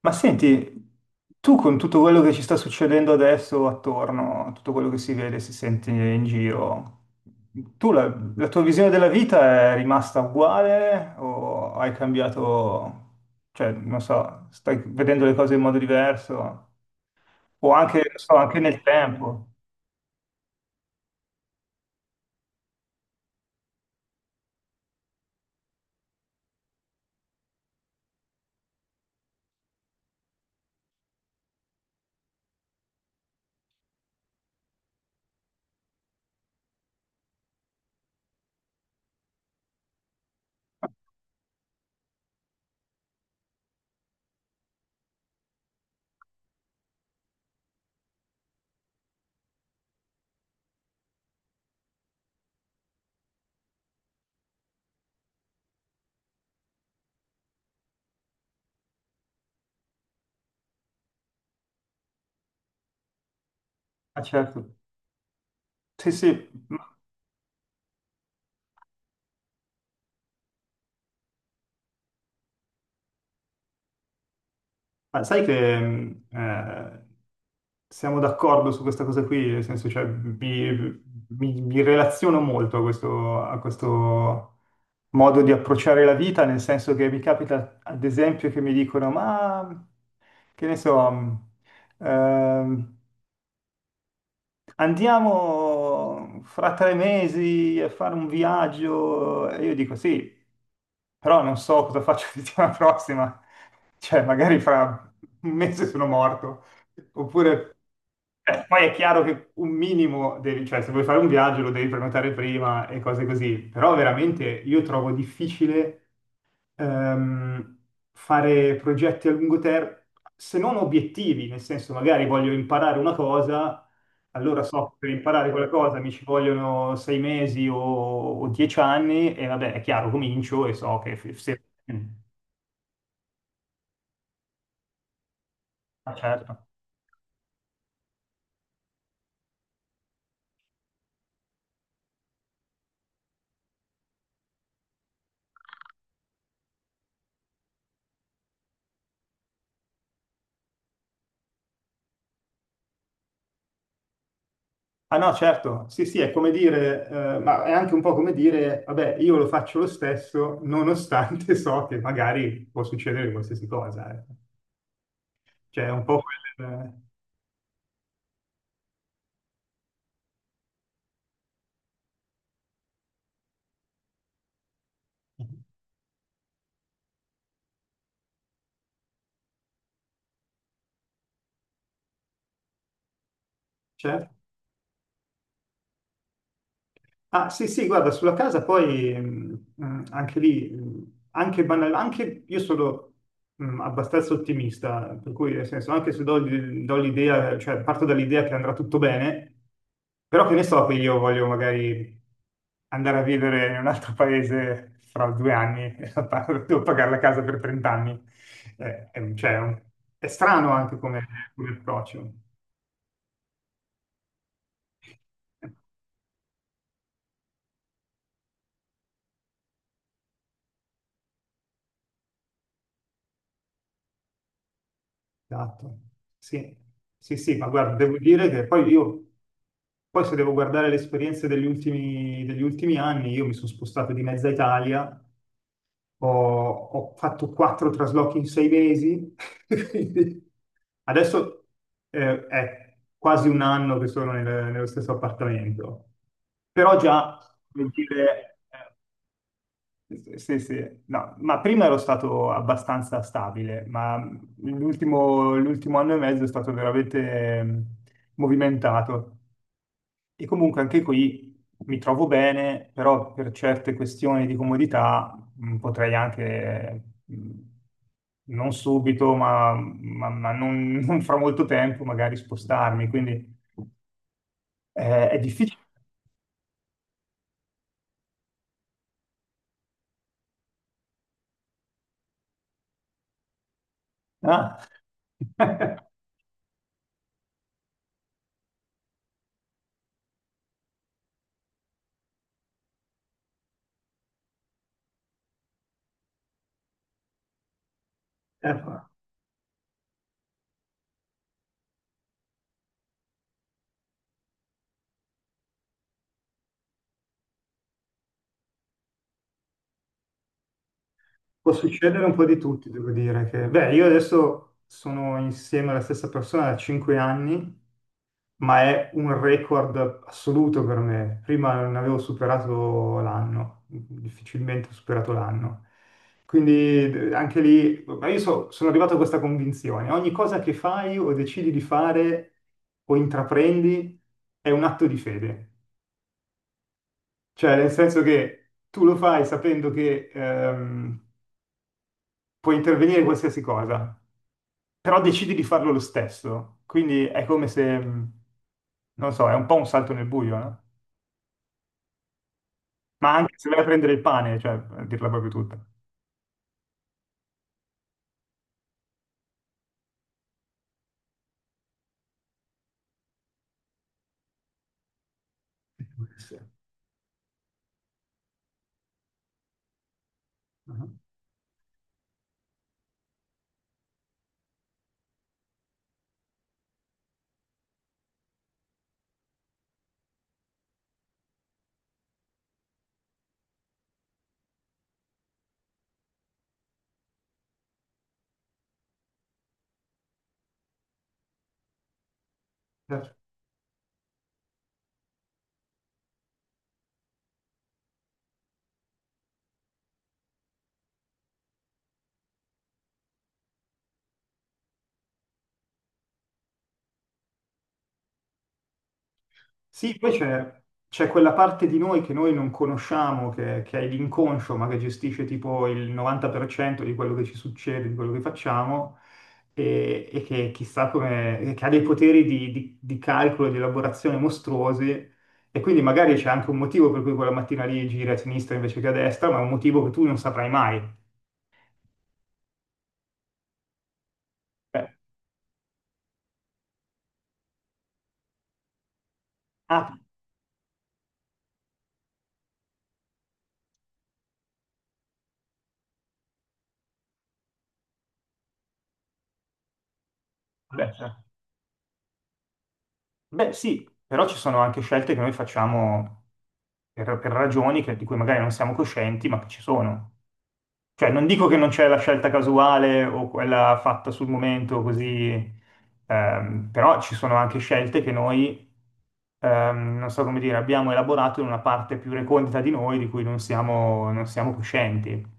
Ma senti, tu con tutto quello che ci sta succedendo adesso attorno, tutto quello che si vede, si sente in giro, tu la, la tua visione della vita è rimasta uguale o hai cambiato, cioè, non so, stai vedendo le cose in modo diverso o anche, non so, anche nel tempo? Ah, certo. Sì, sì. Ma sai che siamo d'accordo su questa cosa qui, nel senso, cioè, mi relaziono molto a questo modo di approcciare la vita, nel senso che mi capita, ad esempio, che mi dicono, ma che ne so, ehm, andiamo fra 3 mesi a fare un viaggio. E io dico sì, però non so cosa faccio la settimana prossima. Cioè, magari fra 1 mese sono morto. Oppure, poi è chiaro che un minimo devi, cioè, se vuoi fare un viaggio lo devi prenotare prima e cose così. Però veramente io trovo difficile, ehm, fare progetti a lungo termine, se non obiettivi, nel senso magari voglio imparare una cosa, allora so che per imparare quella cosa mi ci vogliono 6 mesi o 10 anni e vabbè, è chiaro, comincio e so che se... Ah, certo. Ah no, certo, sì, sì, è come dire, ma è anche un po' come dire, vabbè, io lo faccio lo stesso, nonostante so che magari può succedere qualsiasi cosa, eh. Cioè, è un po' quel... eh. Certo. Ah, sì, sì, guarda, sulla casa poi anche lì, anche, anche io sono abbastanza ottimista, per cui nel senso, anche se do, do l'idea, cioè parto dall'idea che andrà tutto bene, però che ne so che io voglio magari andare a vivere in un altro paese fra 2 anni e la devo pagare la casa per 30 anni. È, cioè, è un- è strano anche come come approccio. Esatto. Sì. Sì, sì, ma guarda, devo dire che poi io, poi se devo guardare le esperienze degli ultimi anni, io mi sono spostato di mezza Italia, ho fatto 4 traslochi in 6 mesi, quindi adesso è quasi un anno che sono nello stesso appartamento, però già, come dire, sì, sì, sì. No, ma prima ero stato abbastanza stabile, ma l'ultimo anno e mezzo è stato veramente movimentato. E comunque anche qui mi trovo bene, però per certe questioni di comodità potrei anche, non subito, ma non, non fra molto tempo, magari spostarmi. Quindi è difficile. Ah. Eh, può succedere un po' di tutti, devo dire che, beh, io adesso sono insieme alla stessa persona da 5 anni, ma è un record assoluto per me. Prima non avevo superato l'anno, difficilmente ho superato l'anno. Quindi anche lì, ma io sono arrivato a questa convinzione, ogni cosa che fai o decidi di fare o intraprendi è un atto di fede. Cioè, nel senso che tu lo fai sapendo che puoi intervenire in qualsiasi cosa, però decidi di farlo lo stesso. Quindi è come se, non so, è un po' un salto nel buio, no? Ma anche se vai a prendere il pane, cioè, a dirla proprio tutta. Può essere. Mhm. Sì, poi c'è quella parte di noi che noi non conosciamo, che è l'inconscio, ma che gestisce tipo il 90% di quello che ci succede, di quello che facciamo, e che chissà come, e che ha dei poteri di calcolo, di elaborazione mostruosi, e quindi magari c'è anche un motivo per cui quella mattina lì giri a sinistra invece che a destra, ma è un motivo che tu non saprai mai. Eh, ah, beh. Beh, sì, però ci sono anche scelte che noi facciamo per ragioni di cui magari non siamo coscienti, ma che ci sono. Cioè, non dico che non c'è la scelta casuale o quella fatta sul momento così, però ci sono anche scelte che noi, non so come dire, abbiamo elaborato in una parte più recondita di noi di cui non siamo, non siamo coscienti.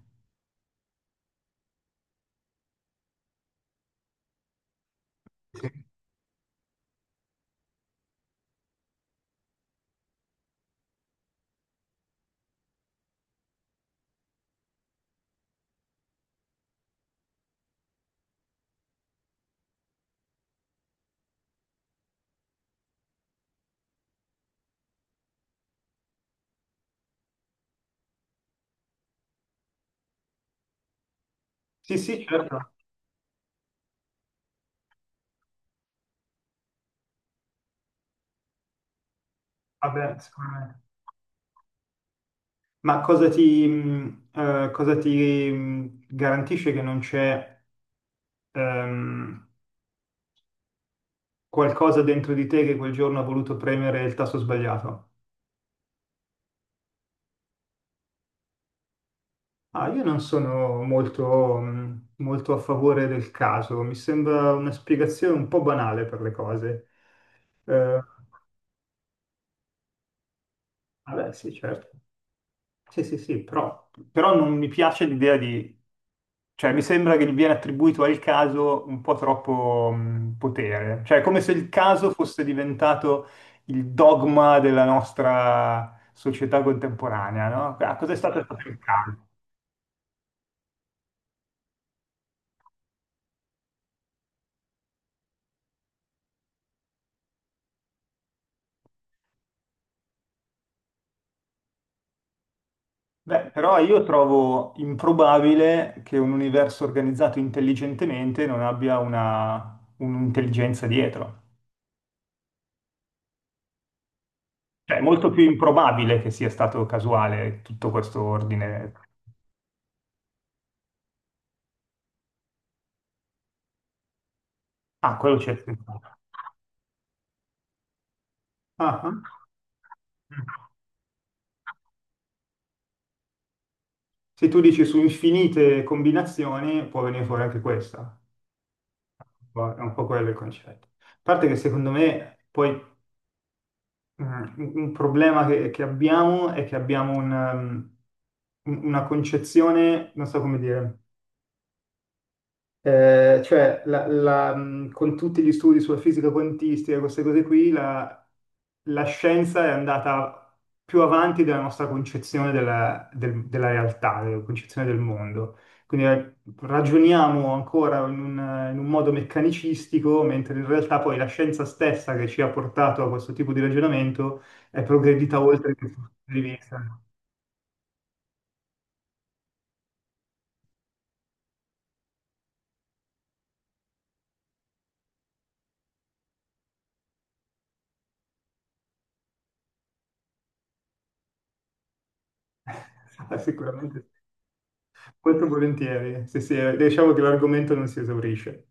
Sì, sì, certo. Vabbè, sicuramente. Ma cosa ti garantisce che non c'è, ehm, qualcosa dentro di te che quel giorno ha voluto premere il tasto sbagliato. Ah, io non sono molto, molto a favore del caso, mi sembra una spiegazione un po' banale per le cose. Eh, vabbè, sì, certo. Sì, sì, sì, però, però non mi piace l'idea di... Cioè, mi sembra che gli viene attribuito al caso un po' troppo potere. Cioè, è come se il caso fosse diventato il dogma della nostra società contemporanea, no? Ah, cos'è stato è stato il caso? Beh, però io trovo improbabile che un universo organizzato intelligentemente non abbia una, un'intelligenza dietro. Cioè, è molto più improbabile che sia stato casuale tutto questo ordine. Ah, quello c'è, sempre. Ah, ah. Se tu dici su infinite combinazioni, può venire fuori anche questa. È un po' quello il concetto. A parte che secondo me poi un problema che abbiamo è che abbiamo un, una concezione, non so come dire. Cioè, con tutti gli studi sulla fisica quantistica, queste cose qui, la, la scienza è andata più avanti della nostra concezione della, della realtà, della concezione del mondo. Quindi ragioniamo ancora in un modo meccanicistico, mentre in realtà poi la scienza stessa che ci ha portato a questo tipo di ragionamento è progredita oltre questo punto di vista. Sicuramente, molto volentieri. Sì, sì, diciamo che l'argomento non si esaurisce.